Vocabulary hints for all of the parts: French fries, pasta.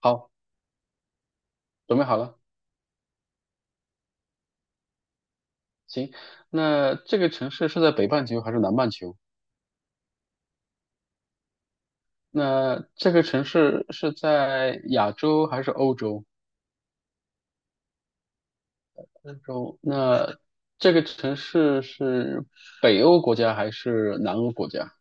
好，准备好了。行，那这个城市是在北半球还是南半球？那这个城市是在亚洲还是欧洲？欧洲。那这个城市是北欧国家还是南欧国家？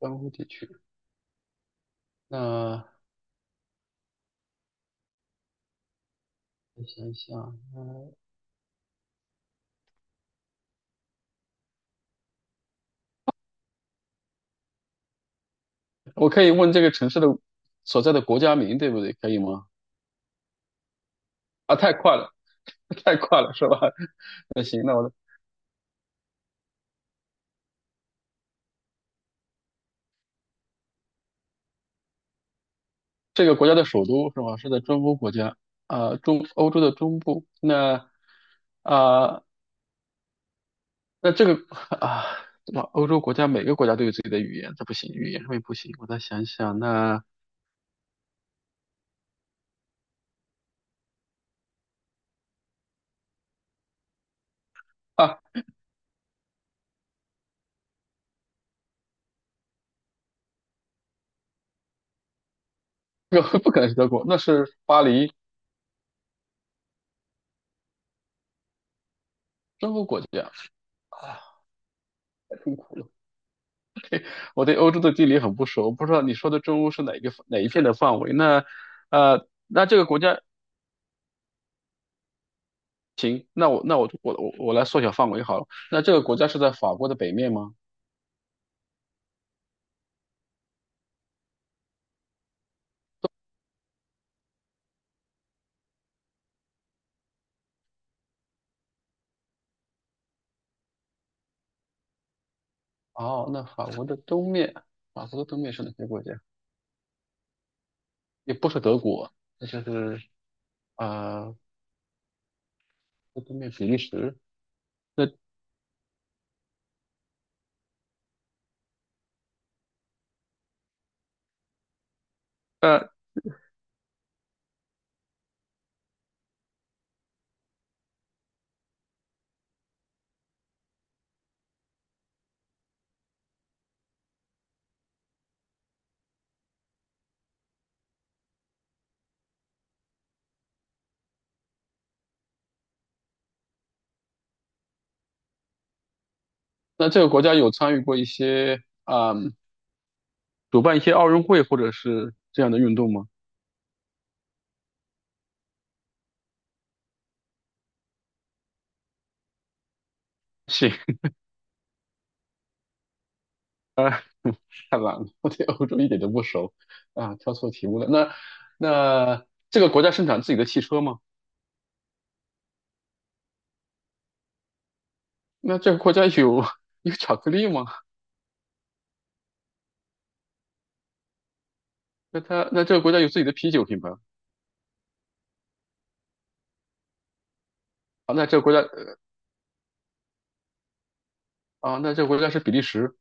南欧地区。那我想一想，我可以问这个城市的所在的国家名，对不对？可以吗？啊，太快了，太快了，是吧？那行，那我这个国家的首都是吧？是在中欧国家，啊，中欧洲的中部。那啊、那这个 啊，对吧？欧洲国家每个国家都有自己的语言，这不行，语言上面不行。我再想想，那啊，这个 不可能是德国，那是巴黎，中欧国家啊，太痛苦了。我对欧洲的地理很不熟，不知道你说的中欧是哪一个哪一片的范围。那那这个国家行，那我那我我来缩小范围好了。那这个国家是在法国的北面吗？哦，那法国的东面，法国的东面是哪些国家？也不是德国，那就是啊，呃东面比利时。那呃，那这个国家有参与过一些啊、主办一些奥运会或者是这样的运动吗？行，太懒了，我对欧洲一点都不熟啊，挑错题目了。那那这个国家生产自己的汽车吗？那这个国家有 有巧克力吗？那它那这个国家有自己的啤酒品牌啊？那这个国家啊，那这个国家是比利时。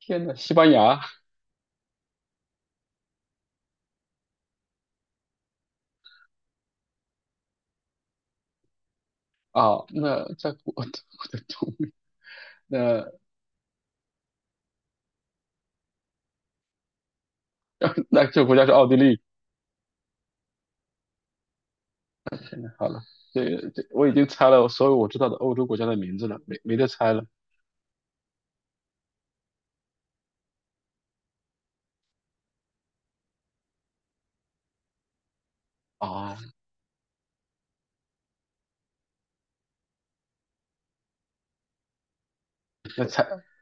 天呐，西班牙。啊，那在国 我的同那那这个国家是奥地利。好了，这我已经猜了所有我知道的欧洲国家的名字了，没得猜了。啊，那猜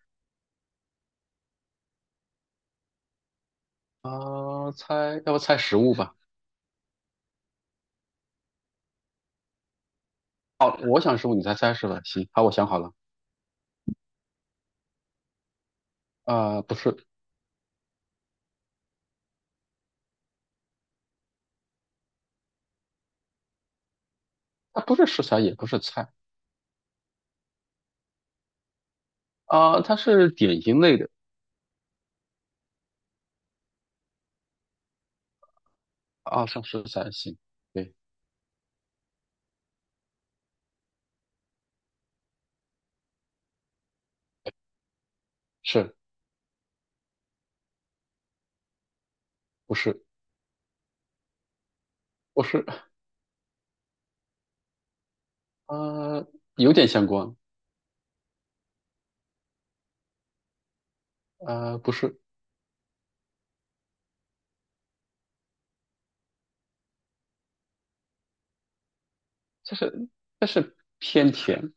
啊猜，要不猜食物吧？好，我想食物，你猜猜是吧？行，好，我想好了。啊、不是，它不是食材，也不是菜啊、它是点心类的啊，像食材。行，对，是不是？不是，呃，有点相关，不是，就是但是偏甜。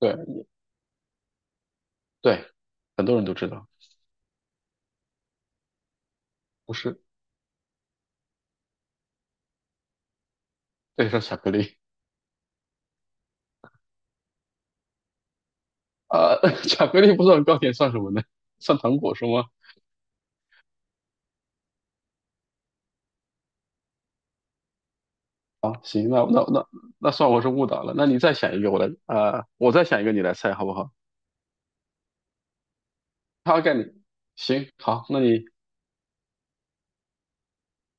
对。对，很多人都知道，不是，对，是巧克力啊，巧克力不算糕点，算什么呢？算糖果是吗？啊，行，那那算我是误导了。那你再想一个，我来，我再想一个，你来猜好不好？行，好，那你，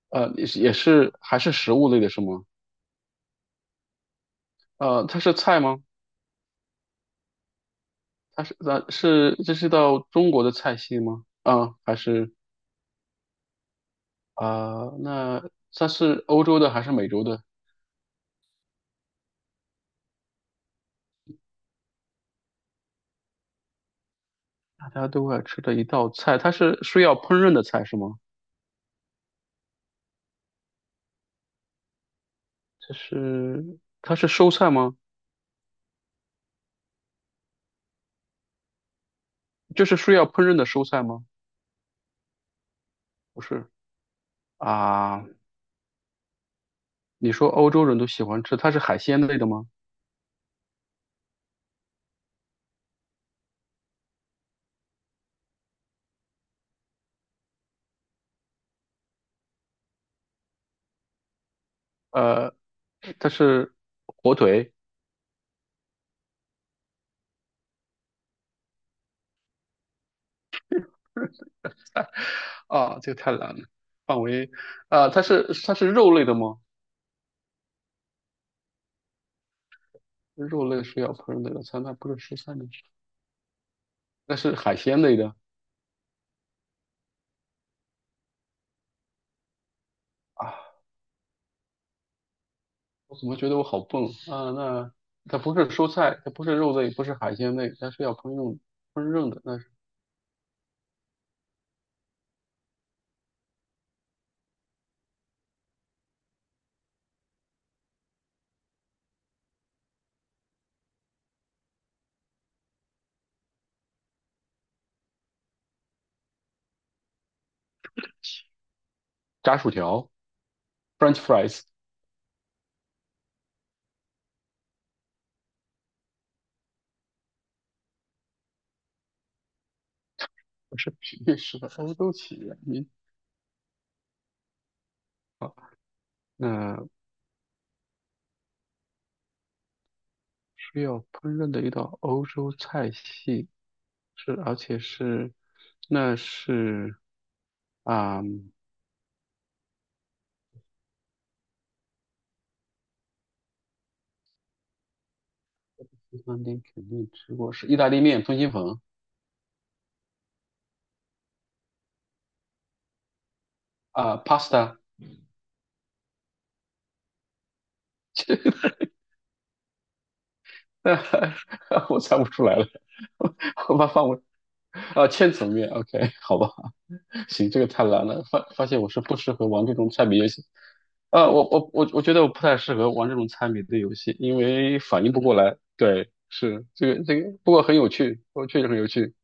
你是也是还是食物类的是吗？它是菜吗？它是咱是这是道中国的菜系吗？啊，还是啊、那它是欧洲的还是美洲的？大家都爱吃的一道菜，它是需要烹饪的菜是吗？它是蔬菜吗？就是需要烹饪的蔬菜吗？不是啊，你说欧洲人都喜欢吃，它是海鲜类的吗？呃，它是火腿啊，这个太难了，范围啊，它是肉类的吗？肉类是要烹饪的菜，那不是蔬菜吗？那是海鲜类的啊，我怎么觉得我好笨啊？啊那它不是蔬菜，它不是肉类，不是海鲜类，它是要烹饪的，那是炸薯条，French fries。我是比利时的欧洲起源。你好，那需要烹饪的一道欧洲菜系是，而且是，那是啊，嗯西餐厅肯定吃过，是意大利面、通心粉啊，pasta。我猜不出来了，我把放围啊，千层面，OK,好吧，行，这个太难了，发现我是不适合玩这种猜谜游戏。啊，我觉得我不太适合玩这种猜谜的游戏，因为反应不过来。对，是这个，不过很有趣，我确实很有趣。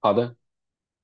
好的。